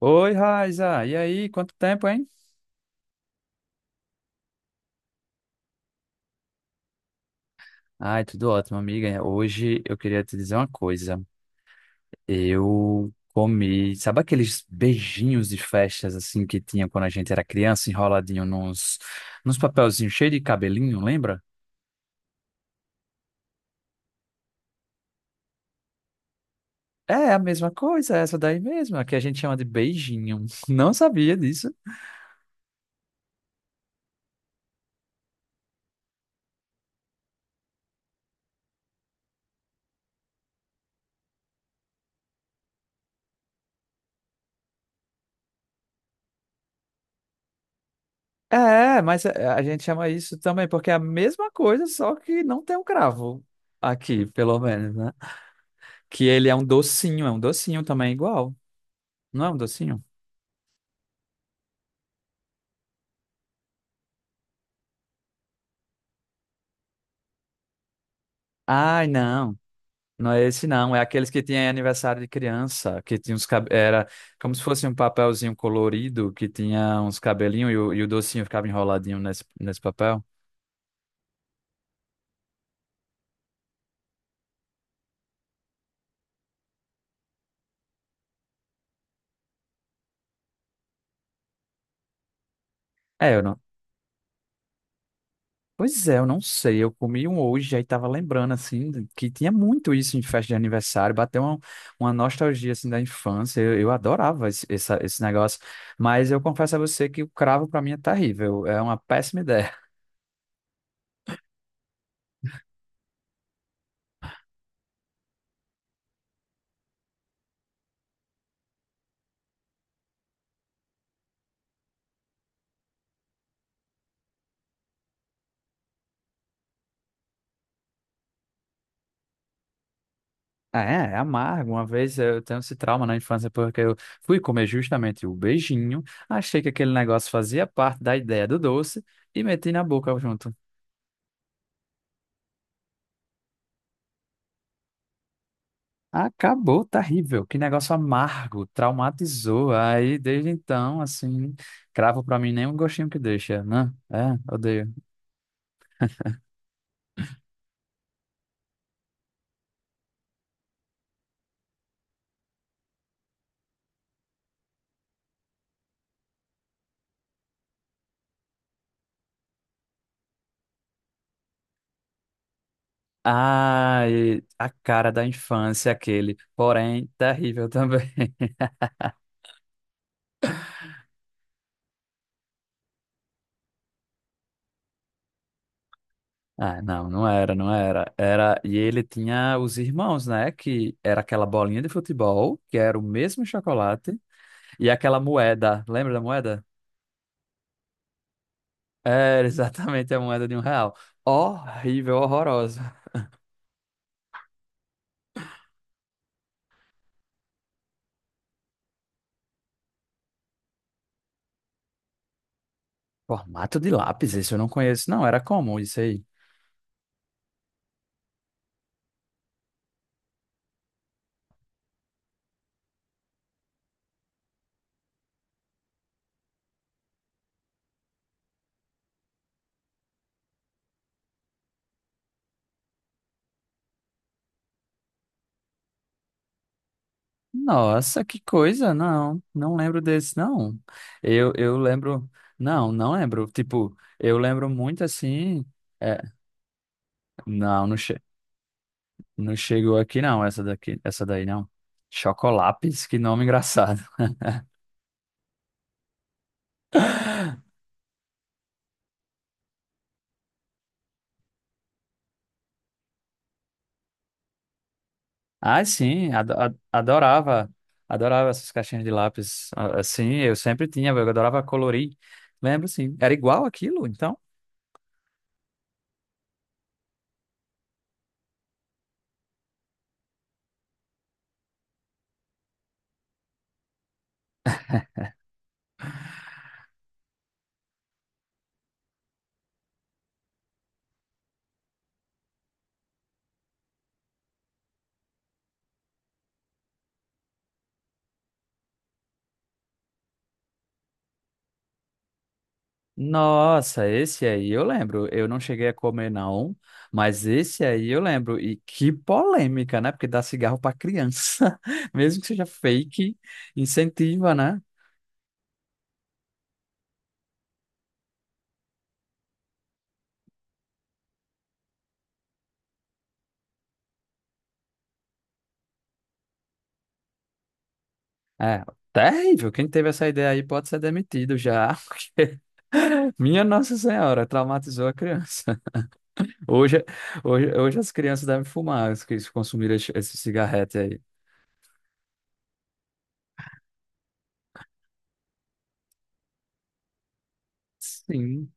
Oi, Raiza. E aí, quanto tempo, hein? Ai, tudo ótimo, amiga. Hoje eu queria te dizer uma coisa. Eu comi, sabe aqueles beijinhos de festas assim que tinha quando a gente era criança, enroladinho nos papelzinhos cheios de cabelinho, lembra? É a mesma coisa, essa daí mesmo, a que a gente chama de beijinho. Não sabia disso. É, mas a gente chama isso também porque é a mesma coisa, só que não tem um cravo aqui, pelo menos, né? Que ele é um docinho também igual. Não é um docinho? Ai, não. Não é esse, não. É aqueles que tinha em aniversário de criança, que tinha uns cabelos. Era como se fosse um papelzinho colorido, que tinha uns cabelinhos e o docinho ficava enroladinho nesse papel. É, eu não. Pois é, eu não sei. Eu comi um hoje, aí tava lembrando, assim, que tinha muito isso em festa de aniversário. Uma nostalgia, assim, da infância. Eu adorava esse negócio. Mas eu confesso a você que o cravo, pra mim, é terrível. É uma péssima ideia. É, é amargo. Uma vez eu tenho esse trauma na infância porque eu fui comer justamente o beijinho, achei que aquele negócio fazia parte da ideia do doce e meti na boca junto. Acabou, terrível. Que negócio amargo, traumatizou. Aí, desde então, assim, cravo pra mim nem um gostinho que deixa, né? É, odeio. Ai, a cara da infância, aquele, porém, terrível também. Ah, não, não era. Era, e ele tinha os irmãos, né? Que era aquela bolinha de futebol, que era o mesmo chocolate, e aquela moeda. Lembra da moeda? Era exatamente a moeda de um real. Horrível, horrorosa. Formato de lápis, isso eu não conheço, não. Era comum isso aí. Nossa, que coisa, não. Não lembro desse, não. Eu lembro. Não, não lembro. Tipo, eu lembro muito assim. é, não, não, che- Não chegou aqui não, essa daqui, essa daí não. Chocolápis, que nome engraçado. Ah, sim, adorava, adorava essas caixinhas de lápis. Sim, eu sempre tinha, eu adorava colorir. Lembro, sim. Era igual aquilo, então? Nossa, esse aí eu lembro. Eu não cheguei a comer não, mas esse aí eu lembro. E que polêmica, né? Porque dá cigarro para criança, mesmo que seja fake, incentiva, né? É, terrível. Quem teve essa ideia aí pode ser demitido já, porque minha Nossa Senhora traumatizou a criança. Hoje, hoje as crianças devem fumar, as que consumiram esse cigarrete aí. Sim.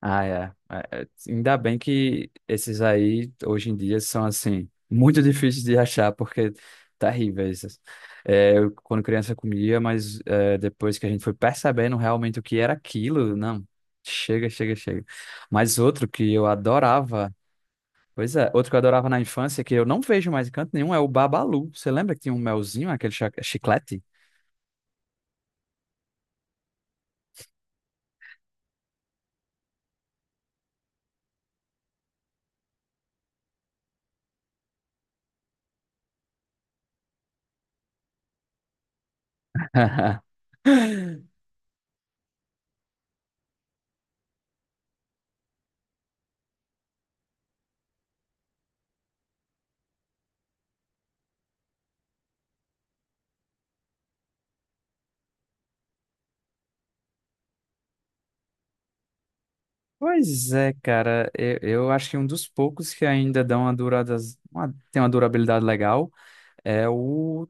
Ah, é. É, é. Ainda bem que esses aí, hoje em dia, são, assim, muito difíceis de achar, porque terríveis. É, eu, quando criança, comia, mas é, depois que a gente foi percebendo realmente o que era aquilo, não, chega. Mas outro que eu adorava, pois é, outro que eu adorava na infância, que eu não vejo mais em canto nenhum, é o Babalu. Você lembra que tinha um melzinho, chiclete? Pois é, cara, eu acho que um dos poucos que ainda dão uma durada, tem uma durabilidade legal é o,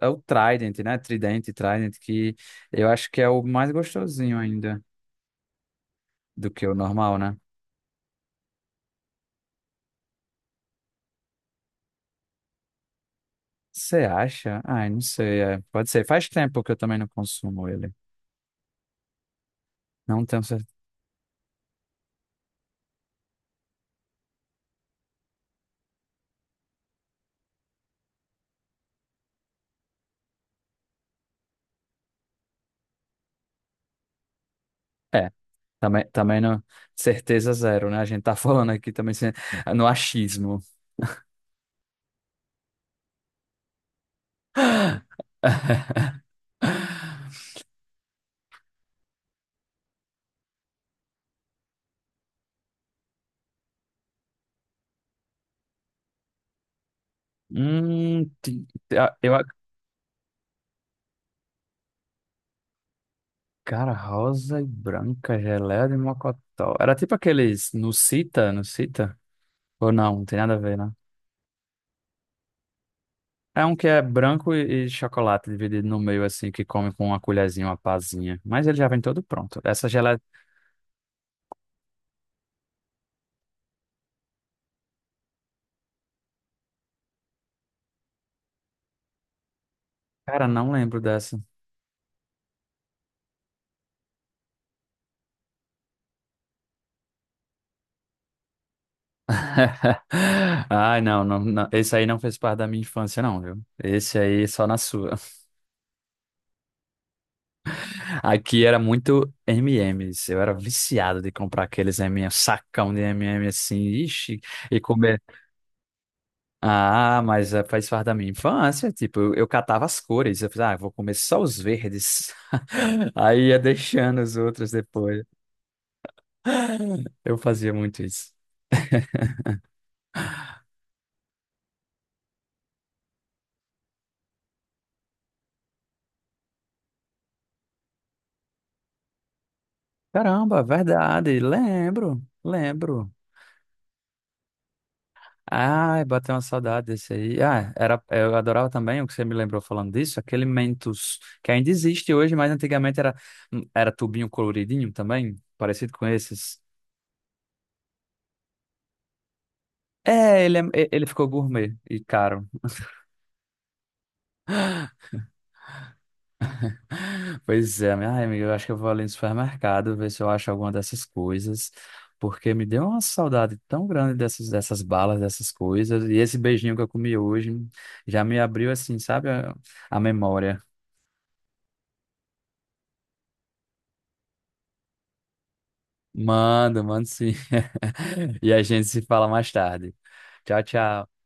é o Trident, né? Trident, que eu acho que é o mais gostosinho ainda do que o normal, né? Você acha? Ai, não sei, é, pode ser. Faz tempo que eu também não consumo ele. Não tenho certeza. É, também não, certeza zero, né? A gente tá falando aqui também sem- no achismo. Hum, ti- eu, Cara, rosa e branca, geleia de mocotó. Era tipo aqueles Nucita? Ou não, não tem nada a ver, né? É um que é branco e chocolate dividido no meio, assim, que come com uma colherzinha, uma pazinha. Mas ele já vem todo pronto. Essa geleia. Cara, não lembro dessa. Ai, não. Esse aí não fez parte da minha infância, não, viu? Esse aí só na sua. Aqui era muito M&M's. Eu era viciado de comprar aqueles M&M's, um sacão de M&M's assim, ixi, e comer. Ah, mas faz parte da minha infância. Tipo, eu catava as cores. Eu falei, ah, eu vou comer só os verdes. Aí ia deixando os outros depois. Eu fazia muito isso. Caramba, verdade. Lembro. Ai, bateu uma saudade desse aí. Ah, era, eu adorava também o que você me lembrou falando disso, aquele Mentos, que ainda existe hoje, mas antigamente era, era tubinho coloridinho também, parecido com esses. É, ele ficou gourmet e caro. Pois é, minha ai, amiga, eu acho que eu vou ali no supermercado ver se eu acho alguma dessas coisas, porque me deu uma saudade tão grande dessas balas, dessas coisas, e esse beijinho que eu comi hoje já me abriu assim, sabe, a memória. Mando, mando sim. E a gente se fala mais tarde. Tchau, tchau.